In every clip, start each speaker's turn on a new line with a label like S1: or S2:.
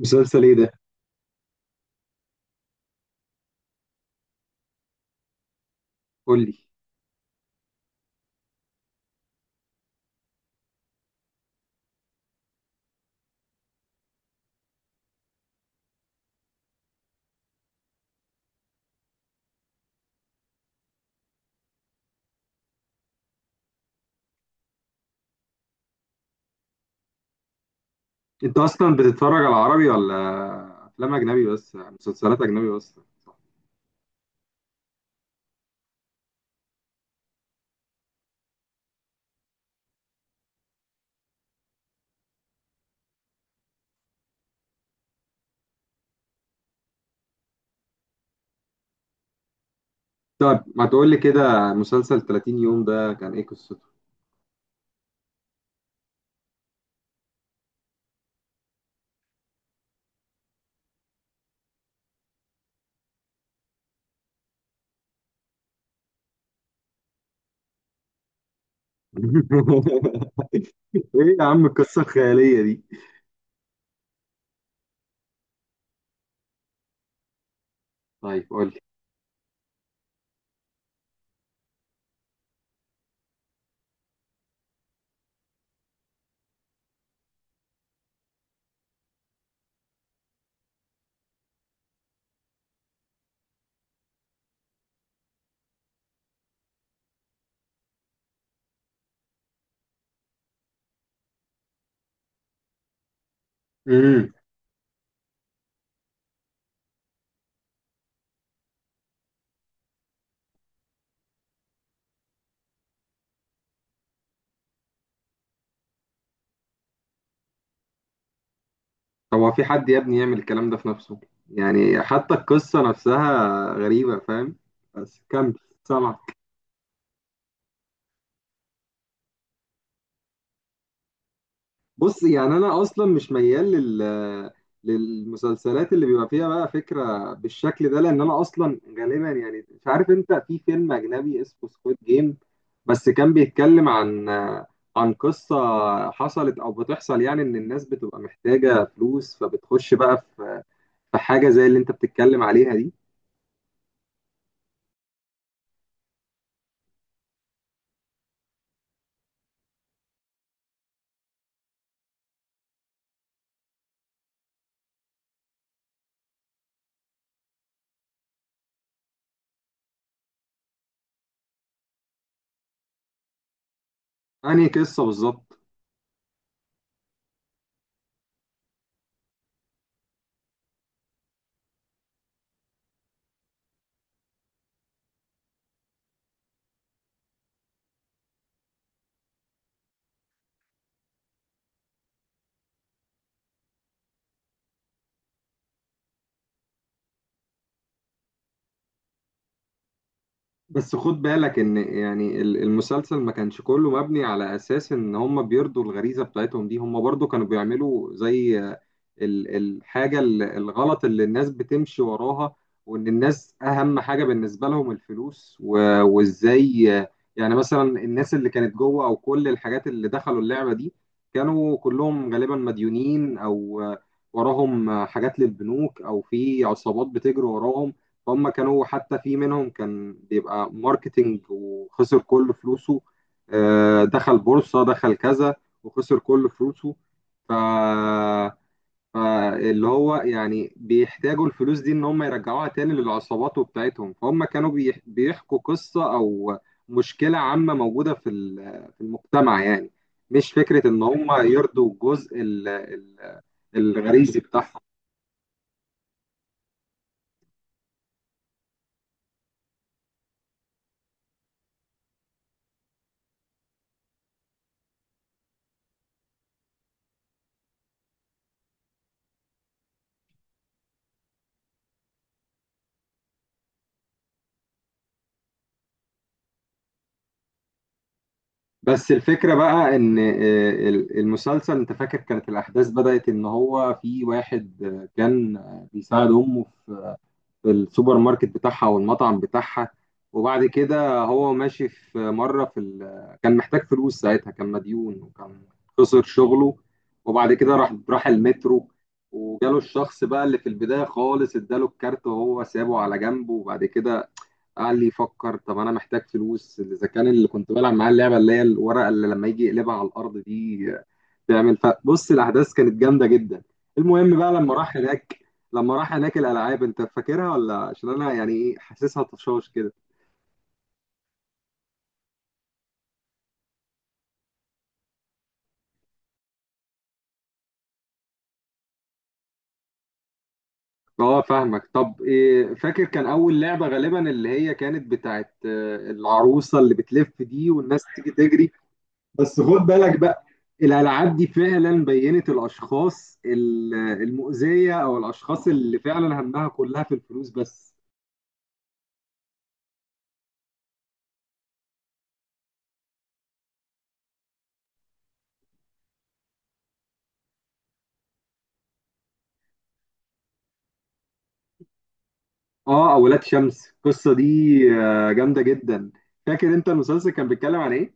S1: مسلسل ايه ده؟ قول لي. انت اصلا بتتفرج على عربي ولا افلام اجنبي بس، يعني مسلسلات اجنبي بس؟ صح. طب ما تقول لي كده، مسلسل 30 يوم ده كان ايه قصته؟ ايه يا عم القصه الخياليه دي؟ طيب قول لي. امم. طب هو في حد يا ابني يعمل الكلام ده في نفسه؟ يعني حتى القصه نفسها غريبه، فاهم؟ بس كمل. سامع. بص، يعني انا اصلا مش ميال للمسلسلات اللي بيبقى فيها بقى فكره بالشكل ده، لان انا اصلا غالبا يعني مش عارف، انت في فيلم اجنبي اسمه سكويد جيم بس كان بيتكلم عن قصه حصلت او بتحصل، يعني ان الناس بتبقى محتاجه فلوس فبتخش بقى في حاجه زي اللي انت بتتكلم عليها دي. انهي قصه بالظبط؟ بس خد بالك ان، يعني المسلسل ما كانش كله مبني على اساس ان هم بيرضوا الغريزه بتاعتهم دي، هم برضو كانوا بيعملوا زي الغلط اللي الناس بتمشي وراها، وان الناس اهم حاجه بالنسبه لهم الفلوس وازاي يعني مثلا الناس اللي كانت جوه او كل الحاجات اللي دخلوا اللعبه دي كانوا كلهم غالبا مديونين، او وراهم حاجات للبنوك او في عصابات بتجري وراهم. هم كانوا حتى في منهم كان بيبقى ماركتينج وخسر كل فلوسه، دخل بورصة دخل كذا وخسر كل فلوسه. ف فاللي هو يعني بيحتاجوا الفلوس دي ان هم يرجعوها تاني للعصابات وبتاعتهم، فهم كانوا بيحكوا قصة او مشكلة عامة موجودة في في المجتمع، يعني مش فكرة ان هم يرضوا الجزء الغريزي بتاعهم. بس الفكرة بقى إن المسلسل، أنت فاكر كانت الأحداث بدأت إن هو في واحد كان بيساعد أمه في في السوبر ماركت بتاعها والمطعم بتاعها، وبعد كده هو ماشي في مرة في كان محتاج فلوس ساعتها، كان مديون وكان خسر شغله، وبعد كده راح المترو، وجاله الشخص بقى اللي في البداية خالص اداله الكارت وهو سابه على جنبه، وبعد كده قعد لي يفكر طب انا محتاج فلوس، اذا كان اللي كنت بلعب معاه اللعبه اللي هي الورقه اللي لما يجي يقلبها على الارض دي تعمل، فبص الاحداث كانت جامده جدا. المهم بقى لما راح هناك الالعاب انت فاكرها ولا؟ عشان انا يعني ايه، حاسسها طشاش كده. اه، فاهمك. طب إيه فاكر كان اول لعبه غالبا اللي هي كانت بتاعت العروسه اللي بتلف دي والناس تيجي تجري؟ بس خد بالك بقى، الالعاب دي فعلا بينت الاشخاص المؤذيه او الاشخاص اللي فعلا همها كلها في الفلوس بس. اه، اولاد شمس القصه دي جامده جدا. فاكر انت المسلسل كان بيتكلم عن ايه؟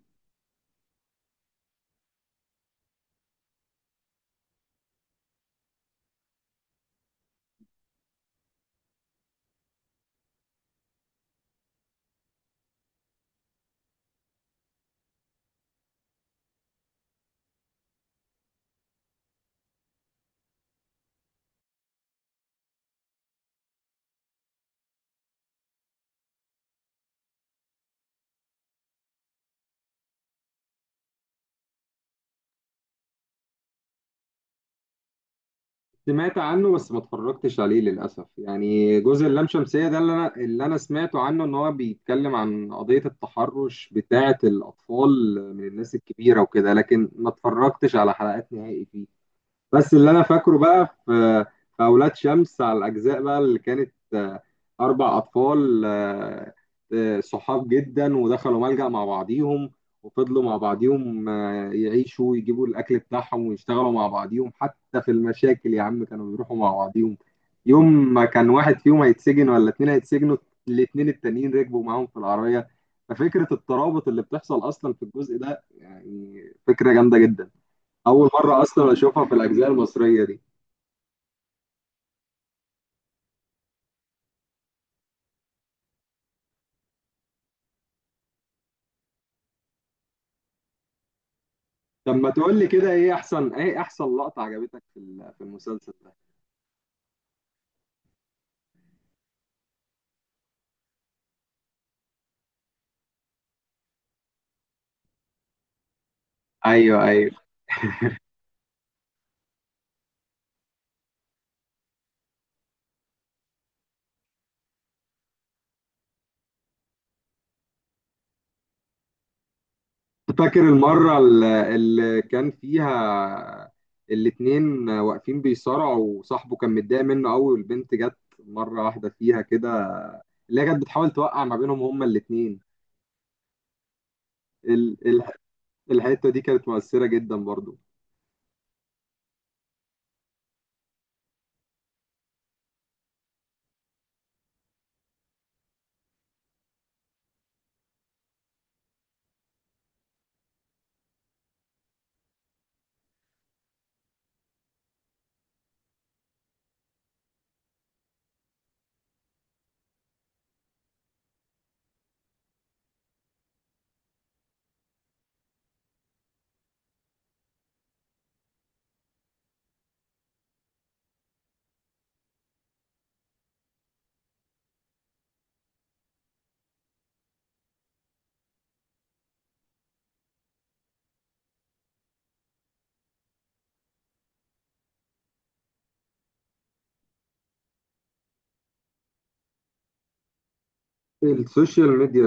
S1: سمعت عنه بس ما اتفرجتش عليه للاسف، يعني جزء اللام شمسيه ده اللي انا سمعته عنه ان هو بيتكلم عن قضيه التحرش بتاعه الاطفال من الناس الكبيره وكده، لكن ما اتفرجتش على حلقات نهائي فيه. بس اللي انا فاكره بقى في اولاد شمس، على الاجزاء بقى اللي كانت اربع اطفال صحاب جدا، ودخلوا ملجأ مع بعضيهم، وفضلوا مع بعضيهم يعيشوا ويجيبوا الاكل بتاعهم ويشتغلوا مع بعضيهم، حتى في المشاكل يا عم كانوا بيروحوا مع بعضيهم. يوم ما كان واحد فيهم هيتسجن ولا اتنين هيتسجنوا، الاتنين التانيين ركبوا معاهم في العربية. ففكرة الترابط اللي بتحصل اصلا في الجزء ده يعني فكرة جامدة جدا. اول مره اصلا اشوفها في الاجزاء المصريه دي. طب ما تقول لي كده، ايه احسن لقطه عجبتك في في المسلسل ده؟ ايوه ايوه، فاكر المره اللي كان فيها الاتنين واقفين بيصارعوا وصاحبه كان متضايق منه قوي، والبنت جت مره واحده فيها كده اللي هي كانت بتحاول توقع ما بينهم هما الاتنين. ال- ال- الحته دي كانت مؤثره جدا برضو. السوشيال ميديا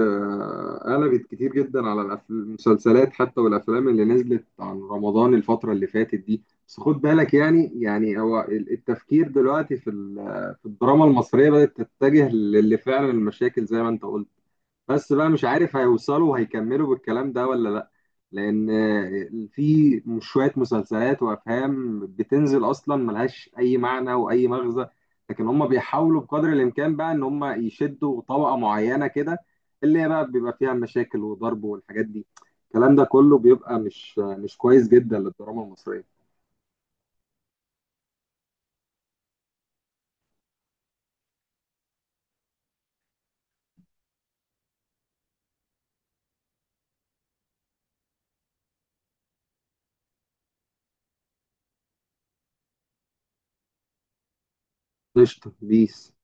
S1: قلبت كتير جدا على المسلسلات حتى والافلام اللي نزلت عن رمضان الفتره اللي فاتت دي، بس خد بالك، يعني هو التفكير دلوقتي في في الدراما المصريه بدات تتجه للي فعلا المشاكل زي ما انت قلت، بس بقى مش عارف هيوصلوا وهيكملوا بالكلام ده ولا لا. لان في شوية مسلسلات وافهام بتنزل اصلا ملهاش اي معنى واي مغزى، لكن هم بيحاولوا بقدر الامكان بقى ان هم يشدوا طبقة معينة كده اللي هي بقى بيبقى فيها مشاكل وضرب والحاجات دي. الكلام ده كله بيبقى مش كويس جدا للدراما المصرية. قشطة بيس.